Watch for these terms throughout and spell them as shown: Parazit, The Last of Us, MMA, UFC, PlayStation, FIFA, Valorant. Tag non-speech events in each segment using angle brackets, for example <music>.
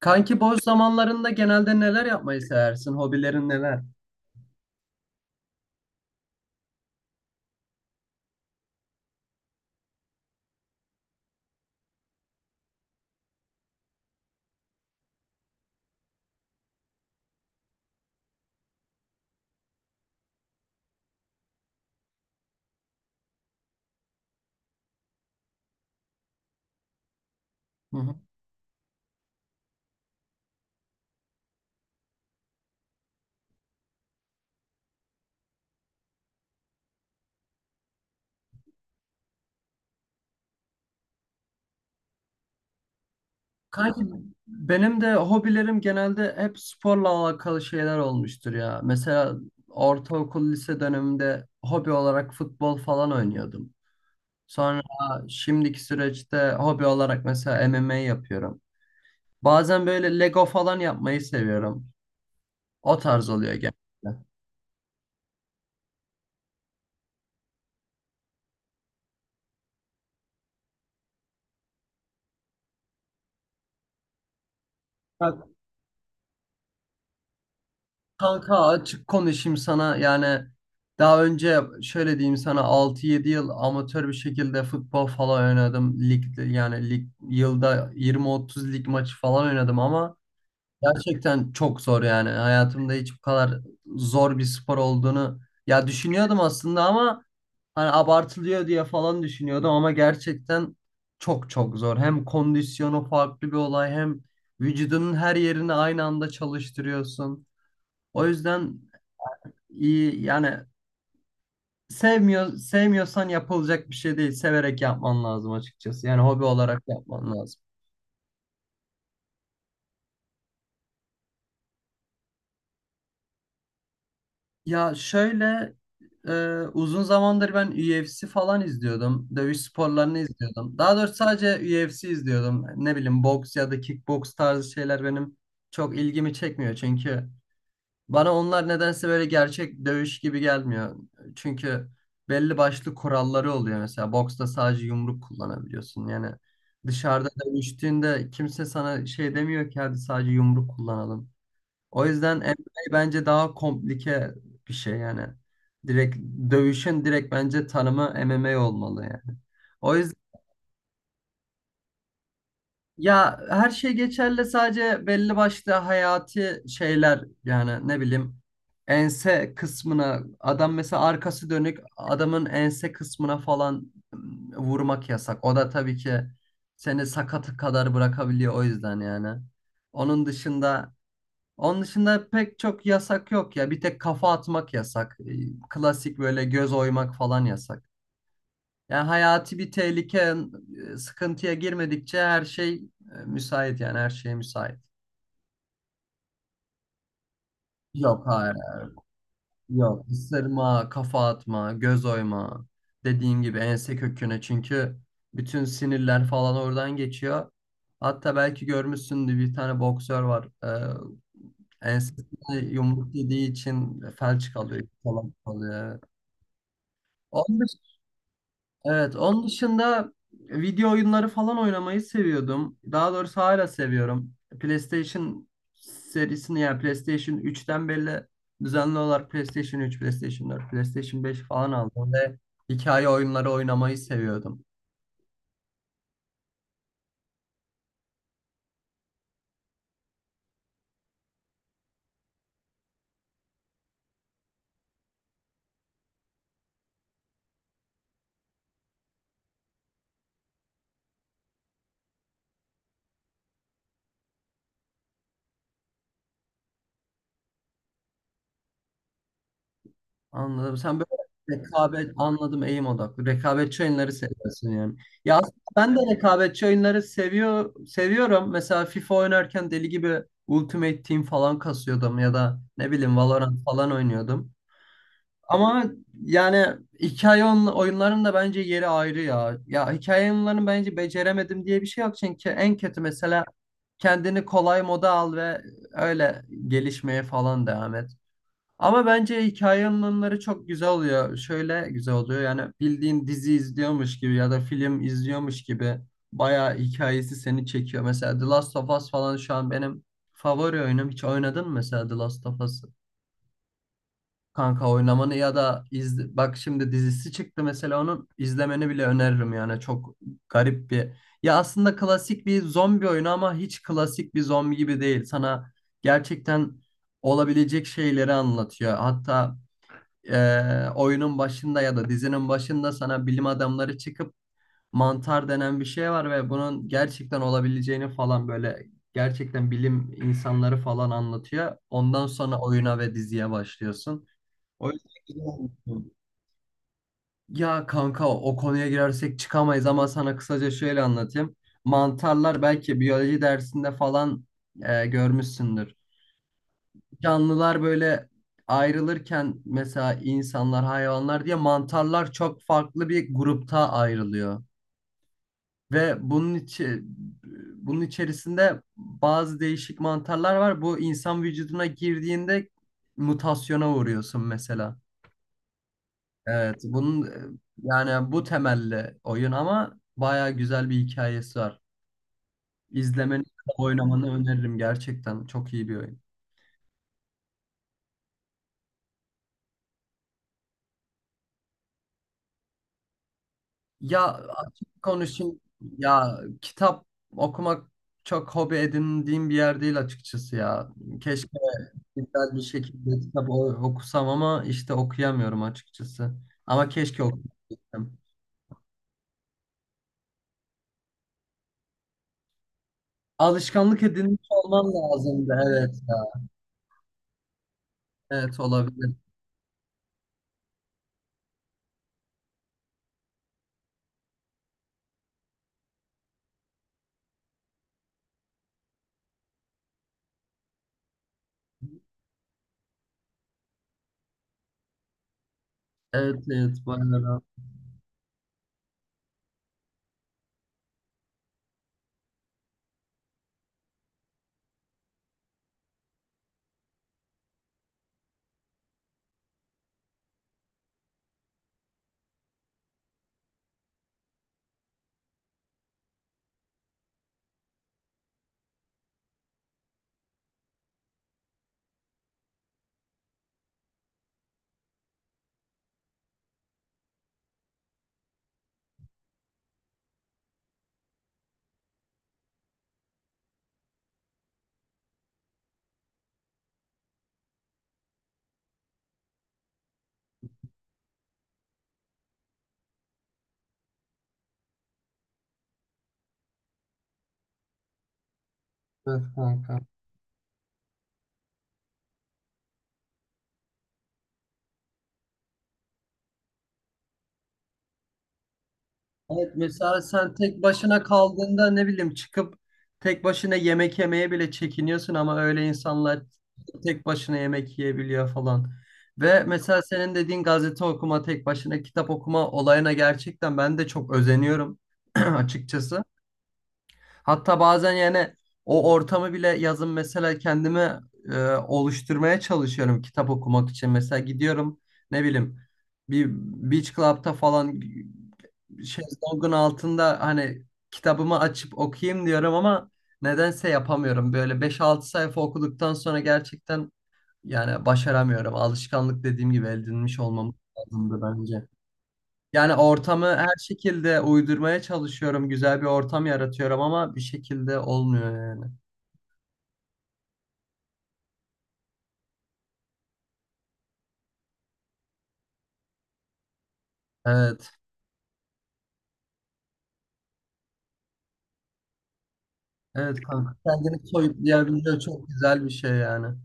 Kanki boş zamanlarında genelde neler yapmayı seversin? Hobilerin neler? Hı hı. Kanki benim de hobilerim genelde hep sporla alakalı şeyler olmuştur ya. Mesela ortaokul, lise döneminde hobi olarak futbol falan oynuyordum. Sonra şimdiki süreçte hobi olarak mesela MMA yapıyorum. Bazen böyle Lego falan yapmayı seviyorum. O tarz oluyor genelde. Ya kanka, açık konuşayım sana. Yani daha önce şöyle diyeyim sana, 6-7 yıl amatör bir şekilde futbol falan oynadım. Ligde, yani lig, yılda 20-30 lig maçı falan oynadım ama gerçekten çok zor yani. Hayatımda hiç bu kadar zor bir spor olduğunu ya düşünüyordum aslında ama hani abartılıyor diye falan düşünüyordum ama gerçekten çok çok zor. Hem kondisyonu farklı bir olay, hem vücudunun her yerini aynı anda çalıştırıyorsun. O yüzden iyi yani, sevmiyorsan yapılacak bir şey değil. Severek yapman lazım açıkçası. Yani hobi olarak yapman lazım. Ya şöyle, uzun zamandır ben UFC falan izliyordum. Dövüş sporlarını izliyordum. Daha doğrusu sadece UFC izliyordum. Ne bileyim, boks ya da kickboks tarzı şeyler benim çok ilgimi çekmiyor. Çünkü bana onlar nedense böyle gerçek dövüş gibi gelmiyor. Çünkü belli başlı kuralları oluyor. Mesela boksta sadece yumruk kullanabiliyorsun. Yani dışarıda dövüştüğünde kimse sana şey demiyor ki, hadi sadece yumruk kullanalım. O yüzden MMA bence daha komplike bir şey yani. Direkt dövüşün direkt bence tanımı MMA olmalı yani. O yüzden ya, her şey geçerli, sadece belli başlı hayati şeyler. Yani ne bileyim, ense kısmına adam, mesela arkası dönük adamın ense kısmına falan vurmak yasak. O da tabii ki seni sakatı kadar bırakabiliyor, o yüzden yani. Onun dışında Onun dışında pek çok yasak yok ya. Bir tek kafa atmak yasak. Klasik böyle göz oymak falan yasak. Yani hayati bir tehlike, sıkıntıya girmedikçe her şey müsait. Yani her şeye müsait. Yok hayır. Yok. Isırma, kafa atma, göz oyma. Dediğin gibi ense köküne, çünkü bütün sinirler falan oradan geçiyor. Hatta belki görmüşsündür, bir tane boksör var. Ensesine yumruk yediği için felç kalıyor, falan kalıyor. Onun dış- evet, onun dışında video oyunları falan oynamayı seviyordum. Daha doğrusu hala seviyorum. PlayStation serisini, yani PlayStation 3'ten beri düzenli olarak PlayStation 3, PlayStation 4, PlayStation 5 falan aldım ve hikaye oyunları oynamayı seviyordum. Anladım. Sen böyle, rekabet, anladım, eğim odaklı. Rekabetçi oyunları seviyorsun yani. Ya aslında ben de rekabetçi oyunları seviyorum. Mesela FIFA oynarken deli gibi Ultimate Team falan kasıyordum, ya da ne bileyim Valorant falan oynuyordum. Ama yani, oyunların da bence yeri ayrı ya. Ya hikaye oyunlarını bence beceremedim diye bir şey yok, çünkü en kötü mesela kendini kolay moda al ve öyle gelişmeye falan devam et. Ama bence hikaye anlatımları çok güzel oluyor. Şöyle güzel oluyor yani, bildiğin dizi izliyormuş gibi ya da film izliyormuş gibi bayağı hikayesi seni çekiyor. Mesela The Last of Us falan şu an benim favori oyunum. Hiç oynadın mı mesela The Last of Us'ı? Kanka oynamanı ya da izle, bak şimdi dizisi çıktı, mesela onun izlemeni bile öneririm yani. Çok garip bir. Ya aslında klasik bir zombi oyunu ama hiç klasik bir zombi gibi değil. Sana gerçekten olabilecek şeyleri anlatıyor. Hatta oyunun başında ya da dizinin başında sana bilim adamları çıkıp mantar denen bir şey var ve bunun gerçekten olabileceğini falan, böyle gerçekten bilim insanları falan anlatıyor. Ondan sonra oyuna ve diziye başlıyorsun. O yüzden güzel olmuş. Ya kanka, o konuya girersek çıkamayız ama sana kısaca şöyle anlatayım. Mantarlar, belki biyoloji dersinde falan görmüşsündür, canlılar böyle ayrılırken, mesela insanlar, hayvanlar diye, mantarlar çok farklı bir grupta ayrılıyor. Ve bunun içerisinde bazı değişik mantarlar var. Bu insan vücuduna girdiğinde mutasyona uğruyorsun mesela. Evet, bunun yani bu temelli oyun ama bayağı güzel bir hikayesi var. İzlemeni, oynamanı öneririm gerçekten. Çok iyi bir oyun. Ya, açık konuşayım. Ya, kitap okumak çok hobi edindiğim bir yer değil açıkçası ya. Keşke güzel bir şekilde okusam ama işte okuyamıyorum açıkçası. Ama keşke okuyabilsem. Alışkanlık edinmiş olmam lazımdı. Evet ya. Evet, olabilir. Evet evet, bayağı rahat. Evet kanka. Evet, mesela sen tek başına kaldığında ne bileyim çıkıp tek başına yemek yemeye bile çekiniyorsun ama öyle insanlar tek başına yemek yiyebiliyor falan. Ve mesela senin dediğin gazete okuma, tek başına kitap okuma olayına gerçekten ben de çok özeniyorum <clears throat> açıkçası. Hatta bazen yani o ortamı bile yazın mesela kendimi oluşturmaya çalışıyorum kitap okumak için. Mesela gidiyorum, ne bileyim, bir beach club'ta falan şezlongun altında hani kitabımı açıp okuyayım diyorum ama nedense yapamıyorum. Böyle beş altı sayfa okuduktan sonra gerçekten yani başaramıyorum. Alışkanlık, dediğim gibi, edinmiş olmamız <laughs> lazımdı bence. Yani ortamı her şekilde uydurmaya çalışıyorum. Güzel bir ortam yaratıyorum ama bir şekilde olmuyor yani. Evet. Evet kanka. Kendini soyutlayabilmek çok güzel bir şey yani.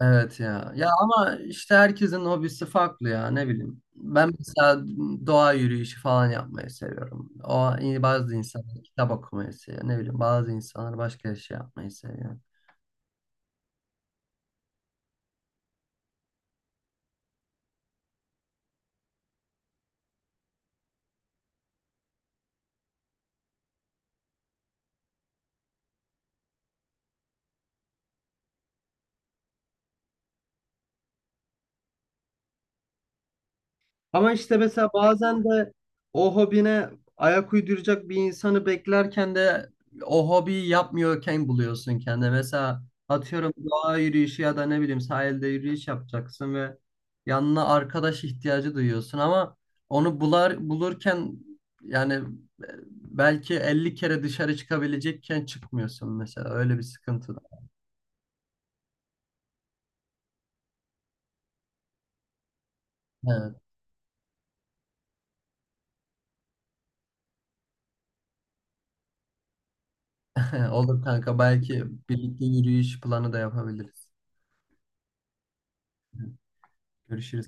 Evet ya. Ya ama işte herkesin hobisi farklı ya, ne bileyim. Ben mesela doğa yürüyüşü falan yapmayı seviyorum. O, bazı insanlar kitap okumayı seviyor. Ne bileyim, bazı insanlar başka şey yapmayı seviyor. Ama işte mesela bazen de o hobine ayak uyduracak bir insanı beklerken de o hobiyi yapmıyorken buluyorsun kendine. Mesela atıyorum, doğa yürüyüşü ya da ne bileyim sahilde yürüyüş yapacaksın ve yanına arkadaş ihtiyacı duyuyorsun ama onu bulurken yani, belki 50 kere dışarı çıkabilecekken çıkmıyorsun mesela, öyle bir sıkıntı da. Evet. <laughs> Olur kanka, belki birlikte yürüyüş planı da yapabiliriz. Görüşürüz.